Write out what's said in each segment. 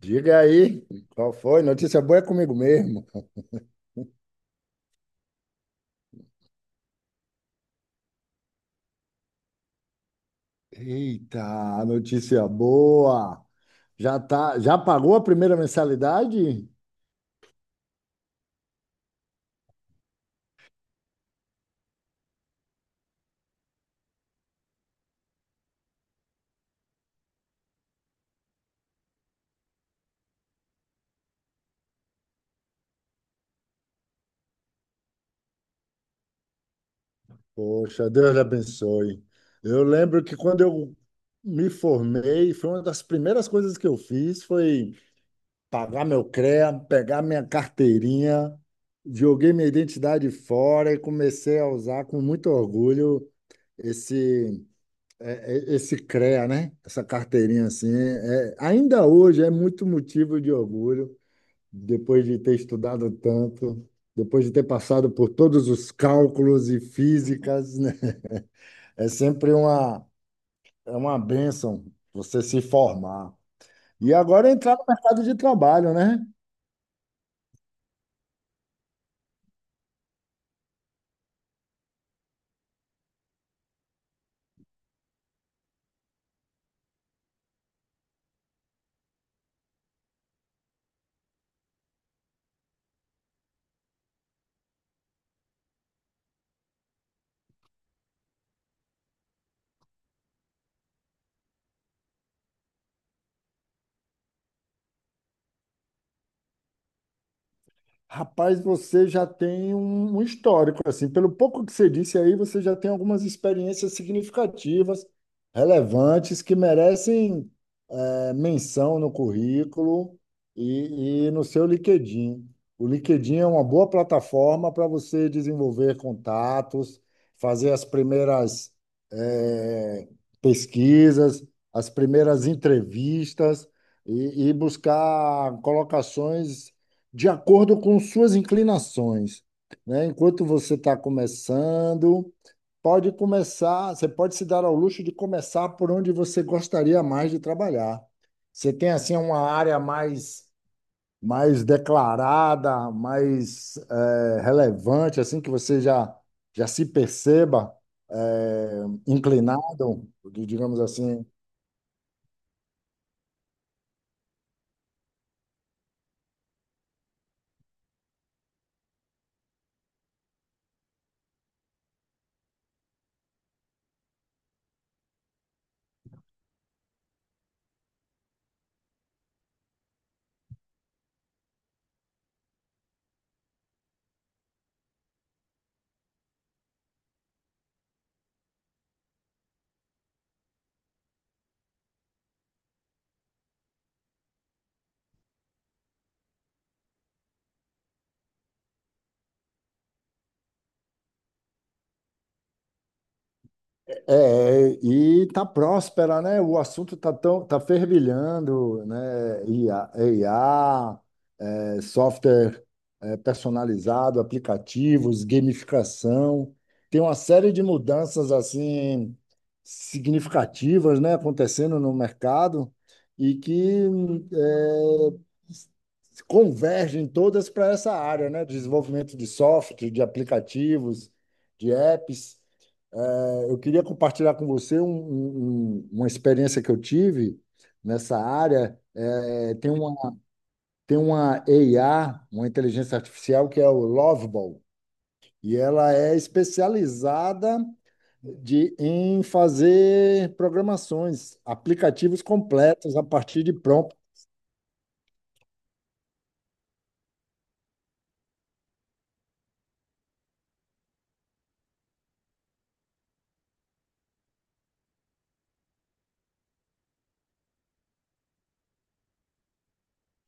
Diga aí, qual foi? Notícia boa é comigo mesmo. Eita, notícia boa. Já tá, já pagou a primeira mensalidade? Poxa, Deus lhe abençoe. Eu lembro que quando eu me formei, foi uma das primeiras coisas que eu fiz, foi pagar meu CREA, pegar minha carteirinha, joguei minha identidade fora e comecei a usar com muito orgulho esse Esse CREA, né? Essa carteirinha assim, é, ainda hoje é muito motivo de orgulho, depois de ter estudado tanto, depois de ter passado por todos os cálculos e físicas, né? É sempre uma, é uma bênção você se formar. E agora entrar no mercado de trabalho, né? Rapaz, você já tem um histórico, assim, pelo pouco que você disse aí, você já tem algumas experiências significativas, relevantes, que merecem menção no currículo e no seu LinkedIn. O LinkedIn é uma boa plataforma para você desenvolver contatos, fazer as primeiras é, pesquisas, as primeiras entrevistas e buscar colocações de acordo com suas inclinações, né? Enquanto você está começando, Pode começar, você pode se dar ao luxo de começar por onde você gostaria mais de trabalhar. Você tem assim uma área mais declarada, mais relevante, assim que você já se perceba inclinado, digamos assim, é, e tá próspera, né? O assunto tá fervilhando, né? I a é, software é, personalizado, aplicativos, gamificação. Tem uma série de mudanças assim significativas, né, acontecendo no mercado e que é, convergem todas para essa área, né, de desenvolvimento de software, de aplicativos, de apps. É, eu queria compartilhar com você uma experiência que eu tive nessa área. É, tem uma AI, uma inteligência artificial, que é o Loveball, e ela é especializada em fazer programações, aplicativos completos a partir de prompt.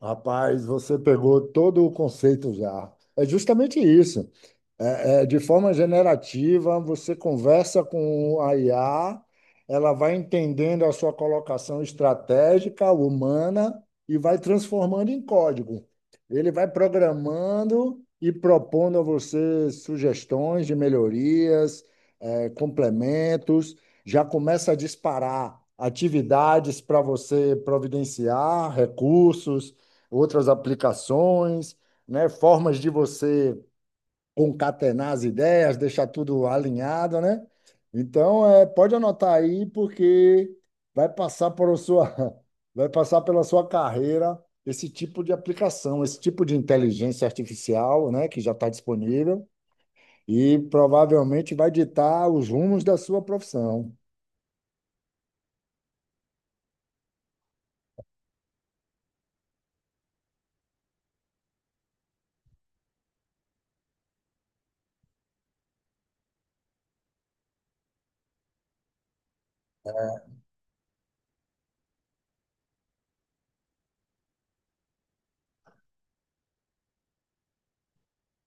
Rapaz, você pegou todo o conceito já. É justamente isso. De forma generativa, você conversa com a IA, ela vai entendendo a sua colocação estratégica, humana, e vai transformando em código. Ele vai programando e propondo a você sugestões de melhorias, complementos, já começa a disparar atividades para você providenciar, recursos, outras aplicações, né, formas de você concatenar as ideias, deixar tudo alinhado, né? Então, é, pode anotar aí, porque vai passar por sua, vai passar pela sua carreira esse tipo de aplicação, esse tipo de inteligência artificial, né, que já está disponível e provavelmente vai ditar os rumos da sua profissão.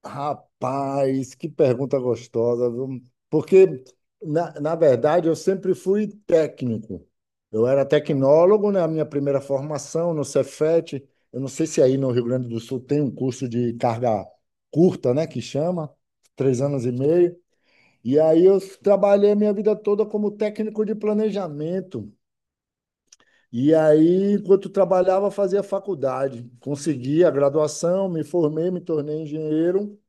Rapaz, que pergunta gostosa, viu? Porque, na verdade, eu sempre fui técnico. Eu era tecnólogo na minha primeira formação no Cefet. Eu não sei se aí no Rio Grande do Sul tem um curso de carga curta, né, que chama, 3 anos e meio. E aí eu trabalhei a minha vida toda como técnico de planejamento. E aí, enquanto trabalhava, fazia faculdade. Consegui a graduação, me formei, me tornei engenheiro.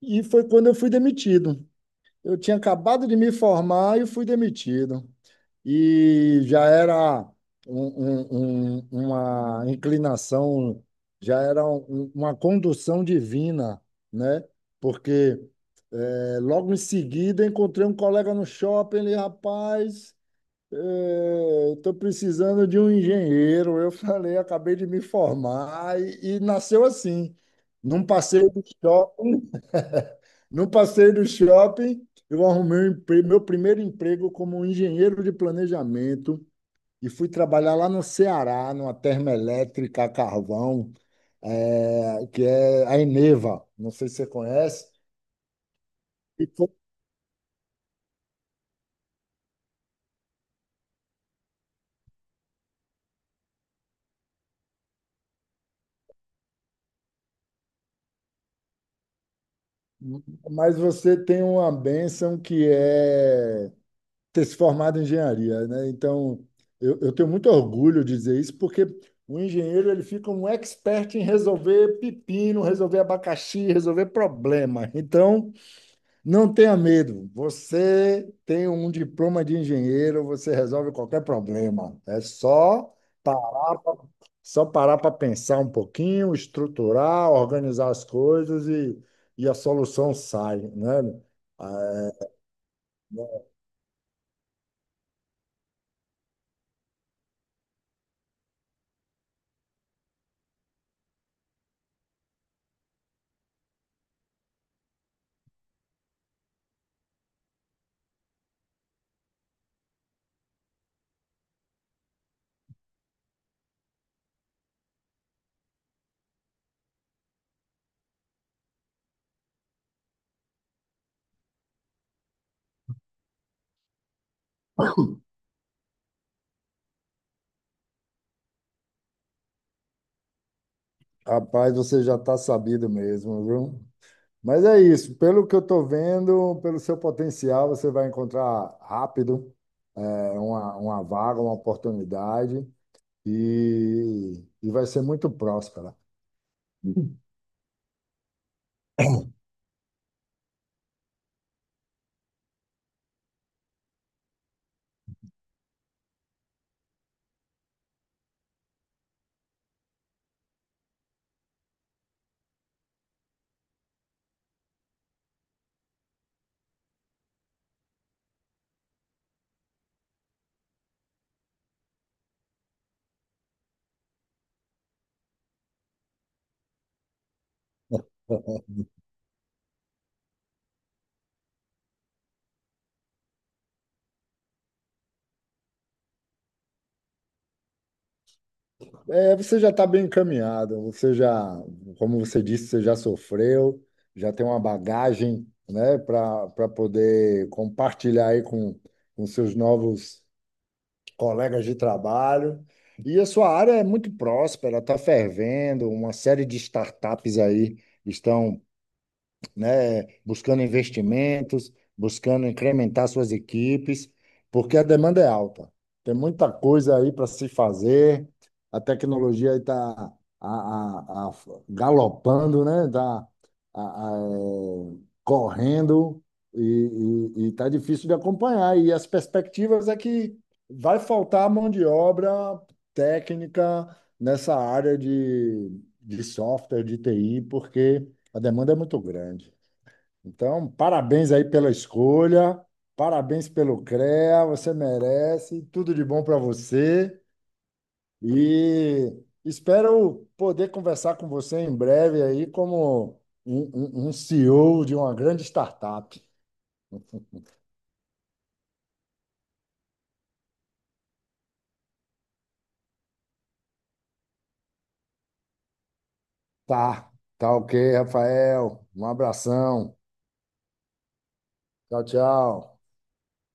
E foi quando eu fui demitido. Eu tinha acabado de me formar e fui demitido. E já era um- uma inclinação, já era uma condução divina, né? Porque logo em seguida encontrei um colega no shopping, ele, rapaz, estou precisando de um engenheiro. Eu falei, acabei de me formar e nasceu assim, num passeio do shopping. No passeio do shopping, eu arrumei meu primeiro emprego como engenheiro de planejamento e fui trabalhar lá no Ceará, numa termoelétrica a carvão, que é a Eneva. Não sei se você conhece. E foi- mas você tem uma bênção que é ter se formado em engenharia, né? Então, eu tenho muito orgulho de dizer isso, porque o engenheiro ele fica um expert em resolver pepino, resolver abacaxi, resolver problema. Então, não tenha medo. Você tem um diploma de engenheiro, você resolve qualquer problema. É só parar pra, só parar para pensar um pouquinho, estruturar, organizar as coisas e a solução sai, né? É, rapaz, você já está sabido mesmo, viu? Mas é isso, pelo que eu estou vendo, pelo seu potencial, você vai encontrar rápido uma vaga, uma oportunidade e vai ser muito próspera. É, você já está bem encaminhado, como você disse, você já sofreu, já tem uma bagagem, né, para poder compartilhar aí com seus novos colegas de trabalho. E a sua área é muito próspera, está fervendo, uma série de startups aí estão né, buscando investimentos, buscando incrementar suas equipes, porque a demanda é alta. Tem muita coisa aí para se fazer. A tecnologia aí está galopando, né? Tá, a- a- eh, correndo e está difícil de acompanhar. E as perspectivas é que vai faltar mão de obra técnica nessa área de software, de TI, porque a demanda é muito grande. Então, parabéns aí pela escolha, parabéns pelo CREA, você merece, tudo de bom para você e espero poder conversar com você em breve aí como um CEO de uma grande startup. Tá, tá ok, Rafael. Um abração. Tchau, tchau.